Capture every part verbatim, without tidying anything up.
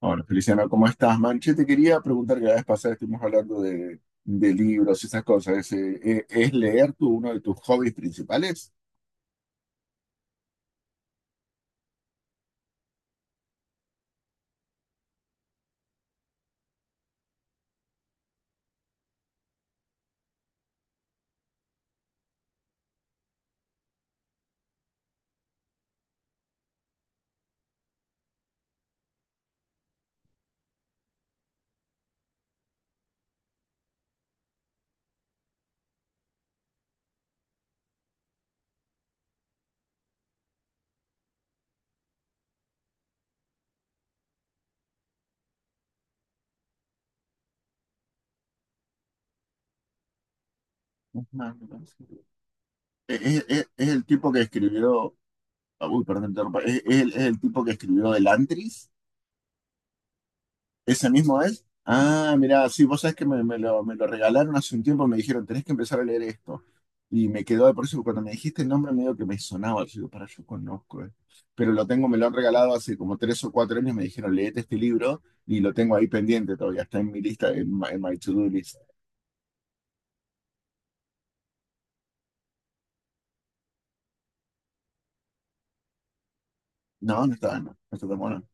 Hola, Feliciano, ¿cómo estás, man? Che, te quería preguntar que la vez pasada estuvimos hablando de, de libros y esas cosas. ¿Es, eh, eh, es leer tú uno de tus hobbies principales? Es, Me parece que- es- es- es el tipo que escribió. ah, Uy, perdón, te interrumpa. ¿Es, es el, es el tipo que escribió El Antris? ¿Ese mismo es? Ah, mira, sí, vos sabés que me, me lo, me lo regalaron hace un tiempo. Me dijeron, tenés que empezar a leer esto. Y me quedó, por eso cuando me dijiste el nombre medio que me sonaba, yo digo, para, yo conozco, eh". Pero lo tengo, me lo han regalado hace como tres o cuatro años, me dijeron, leete este libro y lo tengo ahí pendiente todavía, está en mi lista, en my, en my to-do list. No, no está, no, no está tan bueno.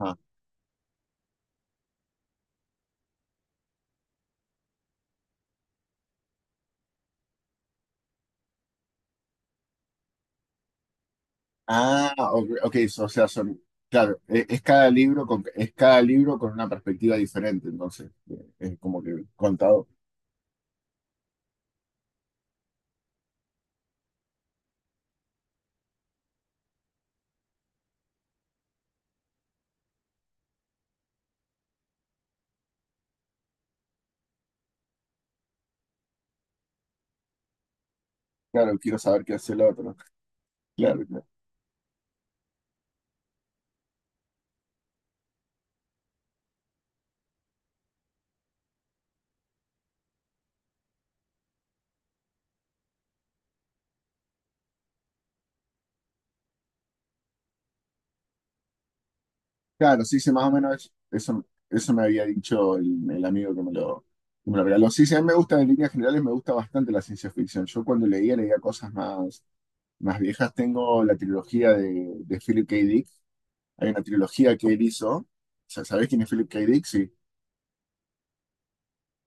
Ah, Ah, ok, ok, so- o sea, son, claro, e- es, cada libro con, es cada libro con una perspectiva diferente, entonces, eh, es como que contado. Claro, quiero saber qué hace el otro. Claro, claro. Claro, sí, sí, más o menos es- eso, eso me había dicho el, el amigo que me lo, que me lo regaló. Sí, sí, a mí me gustan en líneas generales, me gusta bastante la ciencia ficción. Yo cuando leía, leía cosas más, más viejas. Tengo la trilogía de, de Philip K. Dick. Hay una trilogía que él hizo. O sea, ¿sabés quién es Philip K. Dick? Sí.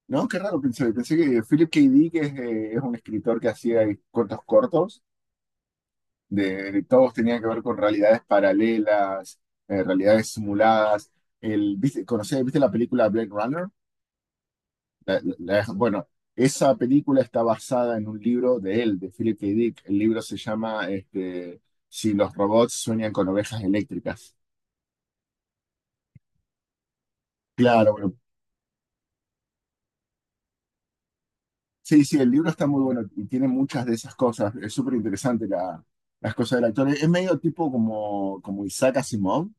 No, qué raro pensé. Pensé que Philip K. Dick es, eh, es un escritor que hacía cortos cortos, de, de todos tenían que ver con realidades paralelas, eh, realidades simuladas. El, ¿viste, conocés- ¿viste la película Blade Runner? La- la- bueno, esa película está basada en un libro de él, de Philip K. Dick. El libro se llama este, Si los robots sueñan con ovejas eléctricas. Claro, bueno, sí, sí, el libro está muy bueno y tiene muchas de esas cosas. Es súper interesante la, las cosas del actor. Es medio tipo como, como Isaac Asimov,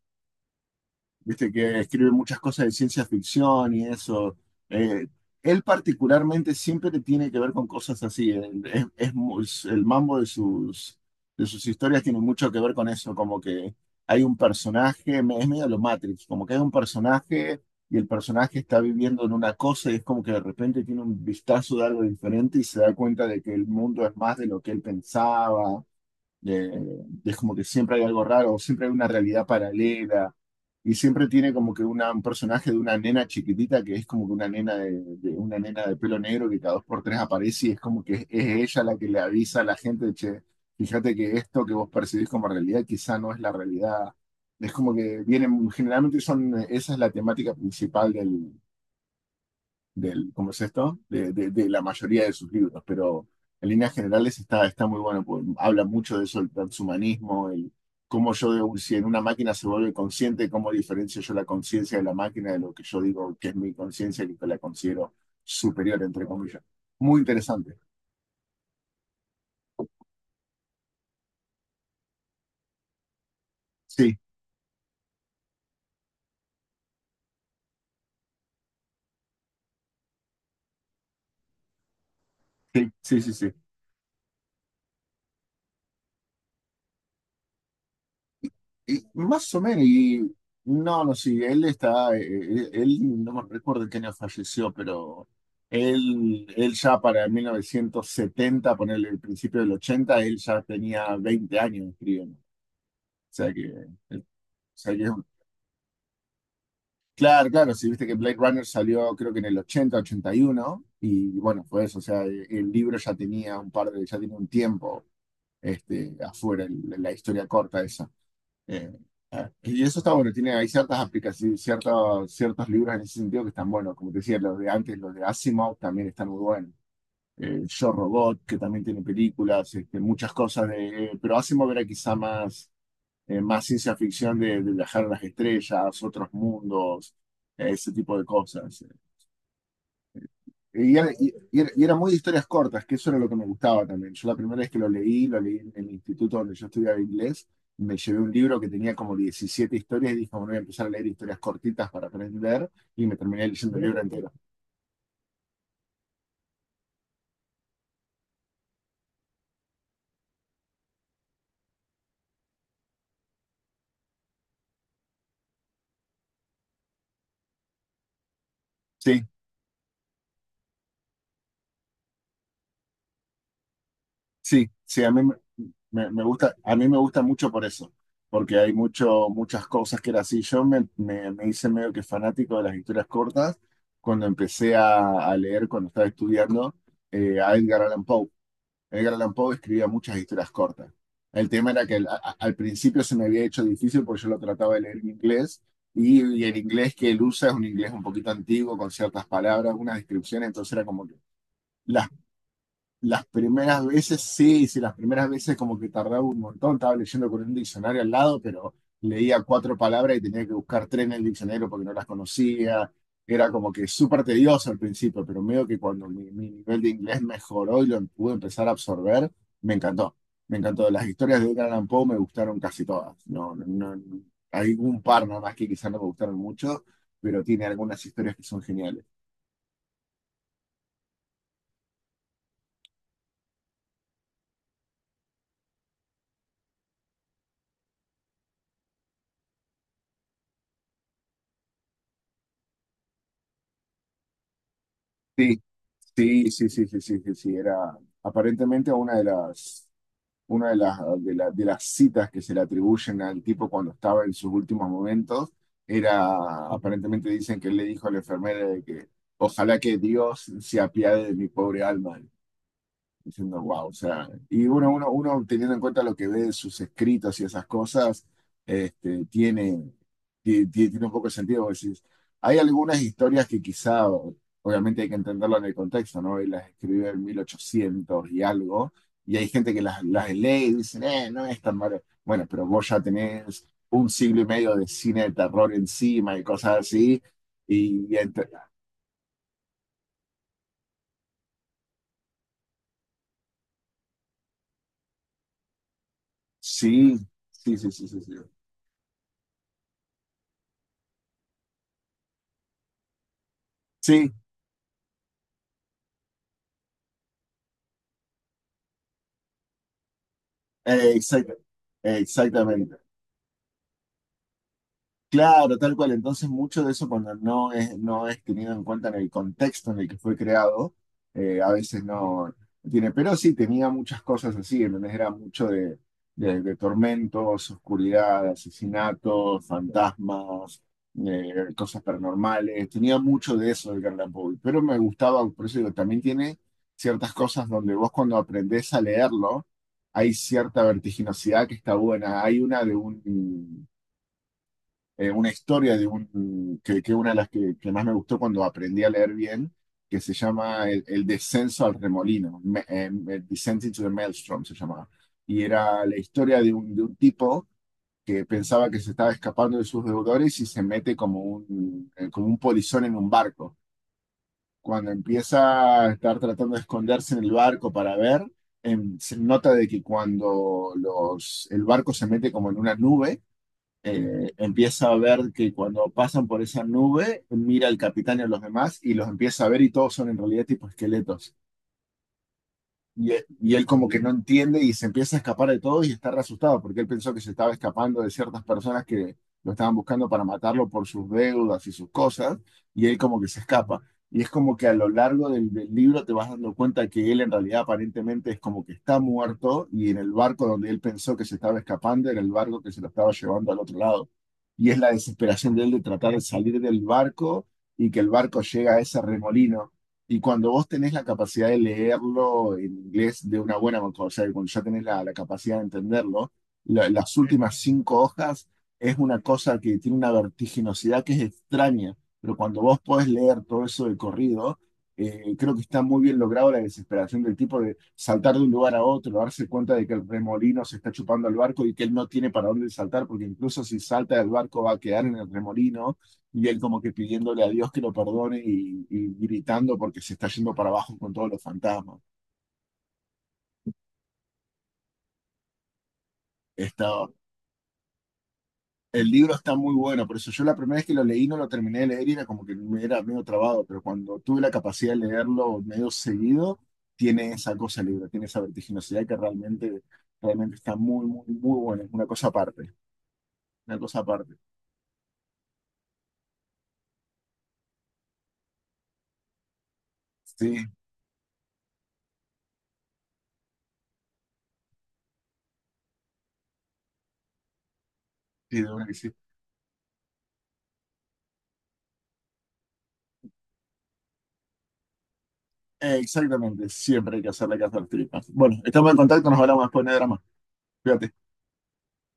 viste que escribe muchas cosas de ciencia ficción y eso. Eh, Él particularmente siempre te tiene que ver con cosas así. Él- Es, es mu- es- el mambo de sus, de sus historias tiene mucho que ver con eso, como que hay un personaje, me- es medio lo Matrix, como que hay un personaje y el personaje está viviendo en una cosa y es como que de repente tiene un vistazo de algo diferente y se da cuenta de que el mundo es más de lo que él pensaba. Eh, es como que siempre hay algo raro, siempre hay una realidad paralela. Y siempre tiene como que una- un personaje de una nena chiquitita que es como que una nena de, de- una nena de pelo negro que cada dos por tres aparece y es como que es, ella la que le avisa a la gente, che, fíjate que esto que vos percibís como realidad quizá no es la realidad. Es como que vienen, generalmente son, esa es la temática principal del, ¿cómo es esto? De, de- de la mayoría de sus libros, pero en líneas generales está, está muy bueno, porque habla mucho de eso, el transhumanismo, el cómo yo, de- si en una máquina se vuelve consciente, cómo diferencio yo la conciencia de la máquina de lo que yo digo que es mi conciencia y que la considero superior, entre comillas. Muy interesante. Sí, sí, sí, sí, sí. Y más o menos, y no, no, sí, él está, eh, eh, él, no me recuerdo en qué año falleció, pero él, él ya para mil novecientos setenta, ponerle el principio del ochenta, él ya tenía veinte años escribiendo. O sea que, eh, o sea que es un- claro, claro, si viste que Blade Runner salió creo que en el ochenta, ochenta y uno, y uno, y bueno, fue eso, o sea, eh, el libro ya tenía un par de, ya tenía un tiempo este, afuera, el- la historia corta esa. Eh, ah, y eso está bueno, tiene, hay ciertas aplicaciones, ciertos, ciertos libros en ese sentido que están buenos, como te decía, los de antes, los de Asimov también están muy buenos. Eh, Yo Robot, que también tiene películas, este, muchas cosas de, eh, pero Asimov era quizá más, eh, más ciencia ficción de, de viajar a las estrellas, otros mundos, eh, ese tipo de cosas. Y era, y- y era- y era muy de historias cortas, que eso era lo que me gustaba también. Yo la primera vez que lo leí, lo leí en el instituto donde yo estudiaba inglés, me llevé un libro que tenía como diecisiete historias y dije, bueno, voy a empezar a leer historias cortitas para aprender y me terminé leyendo el libro entero. Sí, sí, sí, a mí me, me- me gusta, a mí me gusta mucho por eso, porque hay mucho, muchas cosas que era así. Yo me, me- me hice medio que fanático de las historias cortas cuando empecé a, a leer, cuando estaba estudiando, eh, a Edgar Allan Poe. Edgar Allan Poe escribía muchas historias cortas. El tema era que al, a- al principio se me había hecho difícil porque yo lo trataba de leer en inglés y, y el inglés que él usa es un inglés un poquito antiguo con ciertas palabras, unas descripciones, entonces era como que las las primeras veces, sí, sí, las primeras veces como que tardaba un montón, estaba leyendo con un diccionario al lado, pero leía cuatro palabras y tenía que buscar tres en el diccionario porque no las conocía. Era como que súper tedioso al principio, pero medio que cuando mi, mi nivel de inglés mejoró y lo pude empezar a absorber, me encantó. Me encantó. Las historias de Edgar Allan Poe me gustaron casi todas. No, no, no- hay un par nada más que quizás no me gustaron mucho, pero tiene algunas historias que son geniales. Sí. Sí, sí, sí, sí, sí, sí, sí, era aparentemente una de las, una de las, de la- de las citas que se le atribuyen al tipo cuando estaba en sus últimos momentos, era, aparentemente dicen que él le dijo a la enfermera de que ojalá que Dios se apiade de mi pobre alma diciendo, wow, o sea, y uno, uno, uno teniendo en cuenta lo que ve de sus escritos y esas cosas, este, tiene, ti- ti- tiene un poco de sentido. Porque decís, hay algunas historias que quizá, obviamente hay que entenderlo en el contexto, ¿no? Y las escribió en mil ochocientos y algo, y hay gente que las, las lee y dicen, eh, no es tan malo. Bueno, pero vos ya tenés un siglo y medio de cine de terror encima y cosas así, y ent- sí, sí, sí, sí, sí. Sí, sí, Eh, exacta- exactamente. Claro, tal cual. Entonces, mucho de eso cuando no es, no es tenido en cuenta en el contexto en el que fue creado, eh, a veces no no tiene. Pero sí, tenía muchas cosas así. Entonces era mucho de, de- de tormentos, oscuridad, asesinatos, fantasmas, eh, cosas paranormales. Tenía mucho de eso el Garland Poe. Pero me gustaba, por eso digo, también tiene ciertas cosas donde vos cuando aprendés a leerlo, hay cierta vertiginosidad que está buena. Hay una de un eh, una historia de un, que, que una de las que, que más me gustó cuando aprendí a leer bien, que se llama El, el descenso al remolino, me- eh, el Descent into the Maelstrom se llamaba. Y era la historia de un, de un, tipo que pensaba que se estaba escapando de sus deudores y se mete como un, eh, como un polizón en un barco. Cuando empieza a estar tratando de esconderse en el barco para ver, em, se nota de que cuando los, el barco se mete como en una nube, eh, empieza a ver que cuando pasan por esa nube, mira al capitán y a los demás y los empieza a ver y todos son en realidad tipo esqueletos. Y, e- y él como que no entiende y se empieza a escapar de todos y está re asustado porque él pensó que se estaba escapando de ciertas personas que lo estaban buscando para matarlo por sus deudas y sus cosas y él como que se escapa. Y es como que a lo largo del, del libro te vas dando cuenta que él en realidad aparentemente es como que está muerto y en el barco donde él pensó que se estaba escapando era el barco que se lo estaba llevando al otro lado. Y es la desesperación de él de tratar de salir del barco y que el barco llega a ese remolino y cuando vos tenés la capacidad de leerlo en inglés de una buena manera, o sea, cuando ya tenés la, la capacidad de entenderlo, la- las últimas cinco hojas es una cosa que tiene una vertiginosidad que es extraña, pero cuando vos podés leer todo eso de corrido, eh, creo que está muy bien logrado la desesperación del tipo de saltar de un lugar a otro, darse cuenta de que el remolino se está chupando al barco y que él no tiene para dónde saltar, porque incluso si salta del barco va a quedar en el remolino y él como que pidiéndole a Dios que lo perdone y, y gritando porque se está yendo para abajo con todos los fantasmas. Está, el libro está muy bueno, por eso yo la primera vez que lo leí no lo terminé de leer y era como que me era medio trabado, pero cuando tuve la capacidad de leerlo medio seguido, tiene esa cosa el libro, tiene esa vertiginosidad que realmente, realmente está muy, muy, muy buena, es una cosa aparte, una cosa aparte. Sí, sí, de una que sí. Eh, Exactamente, siempre hay que hacerle caso a las tripas. Bueno, estamos en contacto, nos hablamos después de drama. Cuídate.